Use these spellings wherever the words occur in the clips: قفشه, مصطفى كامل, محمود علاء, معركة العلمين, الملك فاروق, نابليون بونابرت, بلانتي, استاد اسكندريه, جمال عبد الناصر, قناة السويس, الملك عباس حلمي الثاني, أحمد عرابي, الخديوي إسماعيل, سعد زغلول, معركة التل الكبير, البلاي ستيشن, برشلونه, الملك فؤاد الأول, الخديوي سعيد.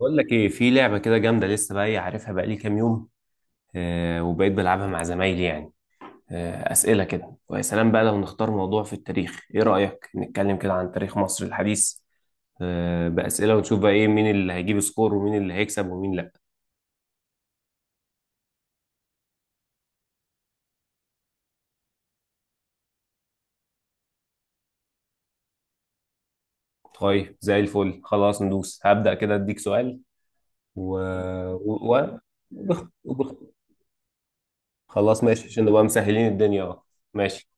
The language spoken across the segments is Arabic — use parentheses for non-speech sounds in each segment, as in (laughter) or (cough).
بقول لك ايه، في لعبه كده جامده، لسه بقى ايه عارفها بقى لي كام يوم. وبقيت بلعبها مع زمايلي يعني. اسئله كده، ويا سلام بقى لو نختار موضوع في التاريخ. ايه رايك نتكلم كده عن تاريخ مصر الحديث؟ باسئله ونشوف بقى ايه، مين اللي هيجيب سكور ومين اللي هيكسب ومين لا. طيب زي الفل، خلاص ندوس، هبدا كده اديك سؤال. و, و... و... (laughs) وبخ... وبخ... خلاص ماشي عشان نبقى مسهلين الدنيا، اه ماشي.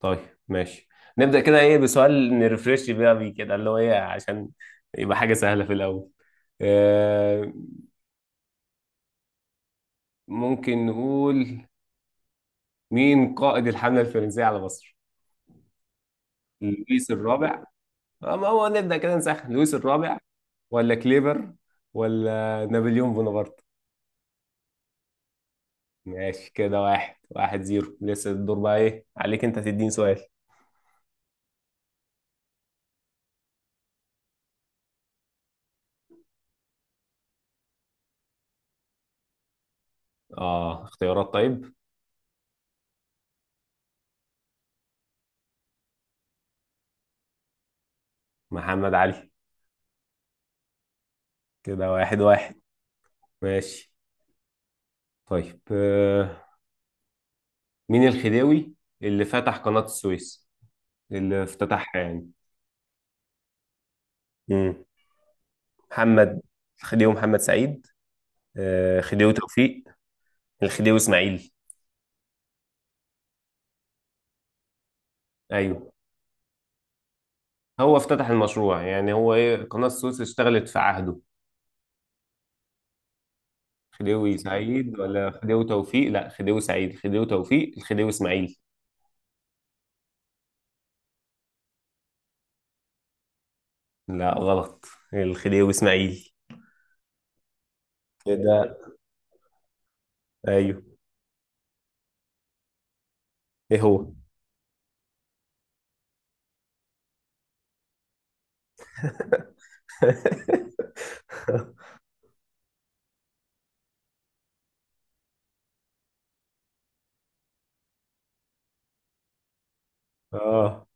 طيب ماشي، نبدأ كده ايه بسؤال نرفرش بقى بيه كده اللي هو ايه، عشان يبقى حاجة سهلة في الأول. آه ممكن نقول مين قائد الحملة الفرنسية على مصر؟ لويس الرابع؟ ما هو نبدأ كده نسخن. لويس الرابع ولا كليبر ولا نابليون بونابرت؟ ماشي، كده واحد واحد زيرو. لسه الدور بقى ايه عليك، انت تديني سؤال. اه اختيارات طيب. محمد علي. كده واحد واحد. ماشي. طيب مين الخديوي اللي فتح قناة السويس، اللي افتتحها يعني؟ مم. محمد، الخديوي محمد سعيد، خديوي توفيق، الخديوي اسماعيل؟ ايوه. هو افتتح المشروع يعني، هو ايه قناة السويس اشتغلت في عهده. خديوي سعيد ولا خديوي توفيق؟ لا، خديوي سعيد. خديوي توفيق. الخديوي اسماعيل. لا غلط، الخديوي اسماعيل. كده، ايوه ايه هو. (laughs) اه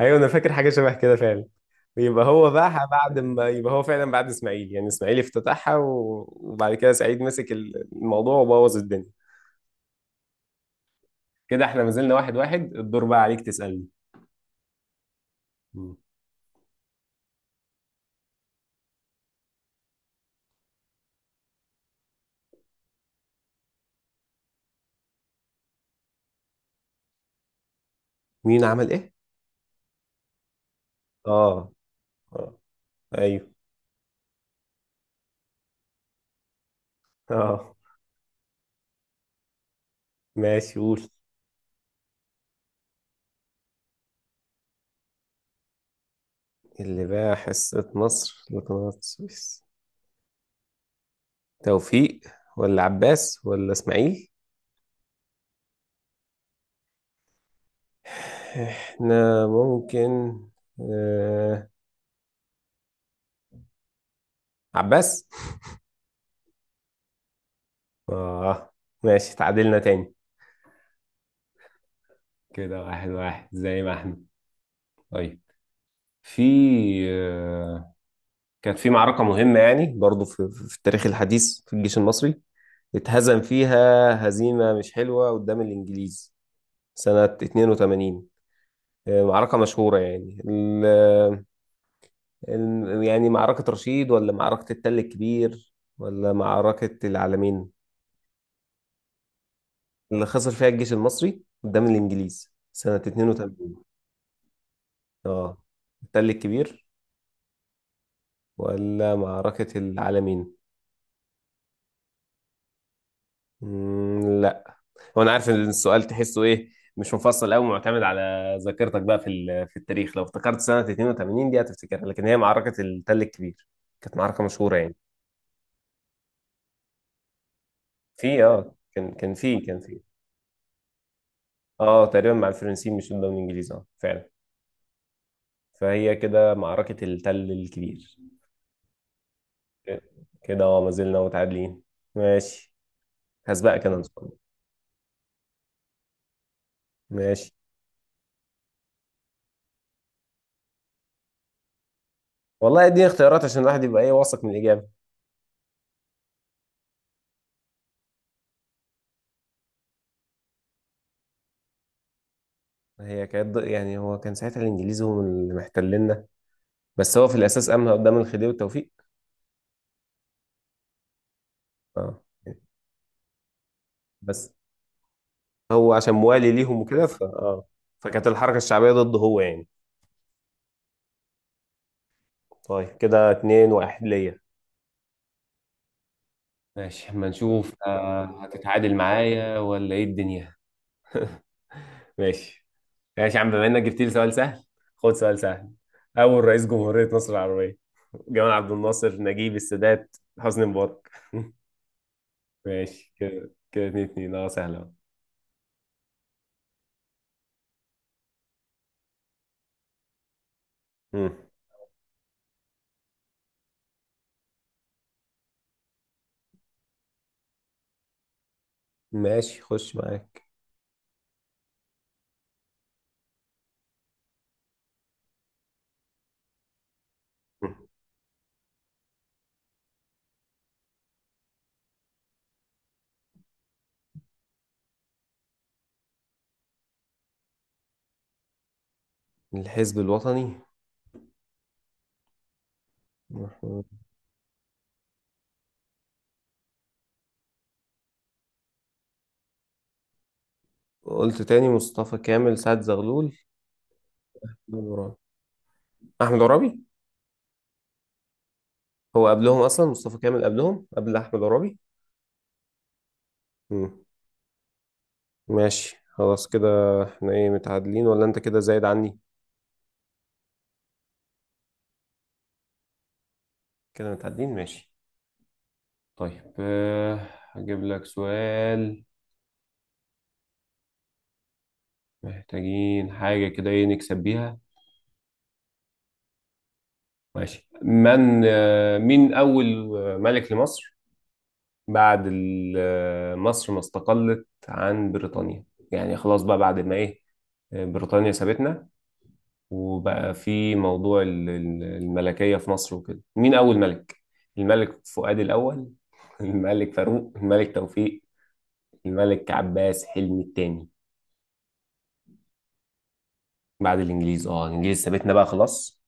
ايوه، انا فاكر حاجه شبه كده فعلا. يبقى هو باعها بعد ما، يبقى هو فعلا بعد اسماعيل يعني. اسماعيل افتتحها، وبعد كده سعيد مسك الموضوع وبوظ الدنيا. كده احنا ما زلنا واحد واحد. الدور بقى عليك تسألني. مم. مين عمل ايه؟ اه اه ايوه اه. ماشي قول. اللي باع حصة مصر لقناة السويس، توفيق ولا عباس ولا اسماعيل؟ احنا ممكن آه... عباس. اه ماشي، تعادلنا تاني. كده واحد واحد زي ما احنا. طيب، في آه، كانت في معركة مهمة يعني برضو في التاريخ الحديث، في الجيش المصري اتهزم فيها هزيمة مش حلوة قدام الإنجليز سنة 82. معركة مشهورة يعني، ال ال يعني معركة رشيد ولا معركة التل الكبير ولا معركة العلمين؟ اللي خسر فيها الجيش المصري قدام الإنجليز سنة 82. اه، التل الكبير، ولا معركة العلمين. مم، هو انا عارف ان السؤال تحسه ايه، مش مفصل قوي، معتمد على ذاكرتك بقى في في التاريخ. لو افتكرت سنه 82 دي هتفتكرها، لكن هي معركه التل الكبير، كانت معركه مشهوره يعني. في كان في اه، تقريبا مع الفرنسيين، مش قدام الانجليز، اه فعلا. فهي كده معركه التل الكبير. كده اه ما زلنا متعادلين. ماشي، هسبقك انا ان شاء الله. ماشي. والله اديني اختيارات عشان الواحد يبقى ايه واثق من الاجابه. هي كانت يعني، هو كان ساعتها الانجليز هم اللي محتلين، بس هو في الاساس امهى قدام الخديوي وتوفيق. اه بس هو عشان موالي ليهم وكده، ف اه فكانت الحركه الشعبيه ضده هو يعني. طيب كده اتنين واحد ليا. ماشي اما نشوف، هتتعادل معايا ولا ايه الدنيا. ماشي. ماشي يا عم، بما انك جبت لي سؤال سهل، خد سؤال سهل. اول رئيس جمهوريه مصر العربيه: جمال عبد الناصر، نجيب، السادات، حسني مبارك؟ ماشي كده كده اتنين اتنين، اه سهله أهو. مم. ماشي خش معاك. مم. الحزب الوطني؟ قلت تاني، مصطفى كامل، سعد زغلول، أحمد عرابي. أحمد عرابي. هو قبلهم أصلا، مصطفى كامل قبلهم قبل أحمد عرابي. مم. ماشي خلاص كده. احنا ايه متعادلين ولا انت كده زايد عني؟ كده متعادلين، ماشي. طيب هجيب لك سؤال، محتاجين حاجة كده ايه نكسب بيها. ماشي. من مين أول ملك لمصر بعد مصر ما استقلت عن بريطانيا؟ يعني خلاص بقى بعد ما ايه، بريطانيا سابتنا وبقى في موضوع الملكية في مصر وكده. مين أول ملك؟ الملك فؤاد الأول (laughs) الملك فاروق، الملك توفيق، الملك عباس حلمي الثاني؟ بعد الإنجليز. اه الإنجليز سابتنا بقى خلاص،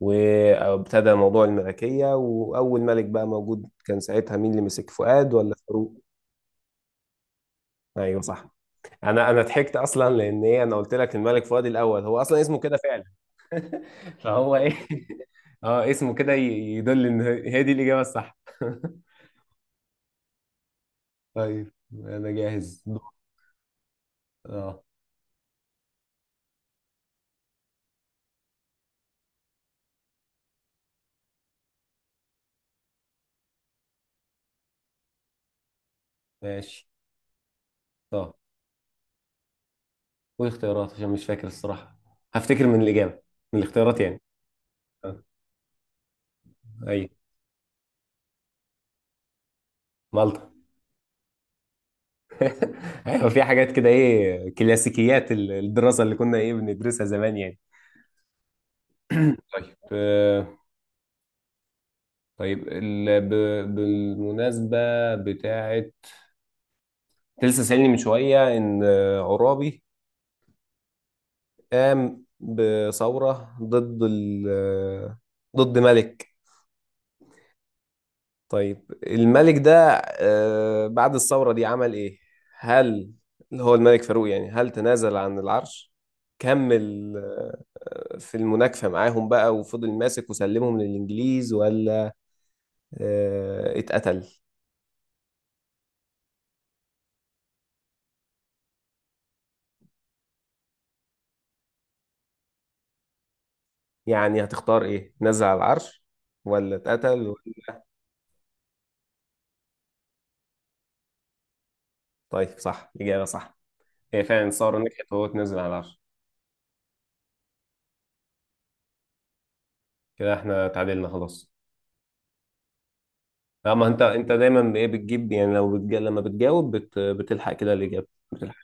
وابتدى موضوع الملكية، وأول ملك بقى موجود كان ساعتها مين اللي مسك، فؤاد ولا فاروق؟ أيوه صح. أنا ضحكت أصلا لأن إيه، أنا قلت لك الملك فؤاد الأول، هو أصلا اسمه كده فعلا. (laughs) فهو إيه. (laughs) اه اسمه كده، يدل إن هي دي الإجابة الصح. (laughs) طيب انا جاهز دور. اه ماشي. طب قول اختيارات عشان مش فاكر الصراحة، هفتكر من الإجابة، من الاختيارات يعني. آه. ايوه. مالطا؟ (laughs) ايوه، في حاجات كده ايه كلاسيكيات الدراسة اللي كنا ايه بندرسها زمان يعني. طيب طيب بالمناسبة بتاعت، لسه سألني من شوية ان عرابي قام بثورة ضد ال... آه، ضد ملك. طيب الملك ده بعد الثورة دي عمل إيه؟ هل اللي هو الملك فاروق يعني، هل تنازل عن العرش؟ كمل في المناكفة معاهم بقى وفضل ماسك وسلمهم للإنجليز؟ ولا اتقتل؟ يعني هتختار إيه؟ نزل على العرش ولا اتقتل ولا-؟ طيب صح، إجابة صح. هي فعلا الثورة نجحت وهو اتنزل على العرش. كده احنا اتعادلنا خلاص. اما انت دايما ايه بتجيب يعني، لو لما بتجاوب، بتلحق كده الإجابة بتلحق.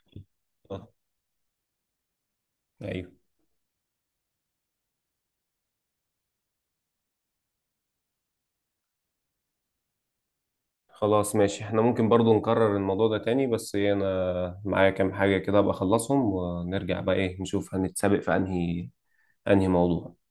آه. ايوه. خلاص ماشي. احنا ممكن برضو نكرر الموضوع ده تاني، بس ايه انا معايا كام حاجة كده ابقى اخلصهم، ونرجع بقى ايه نشوف هنتسابق في انهي انهي موضوع.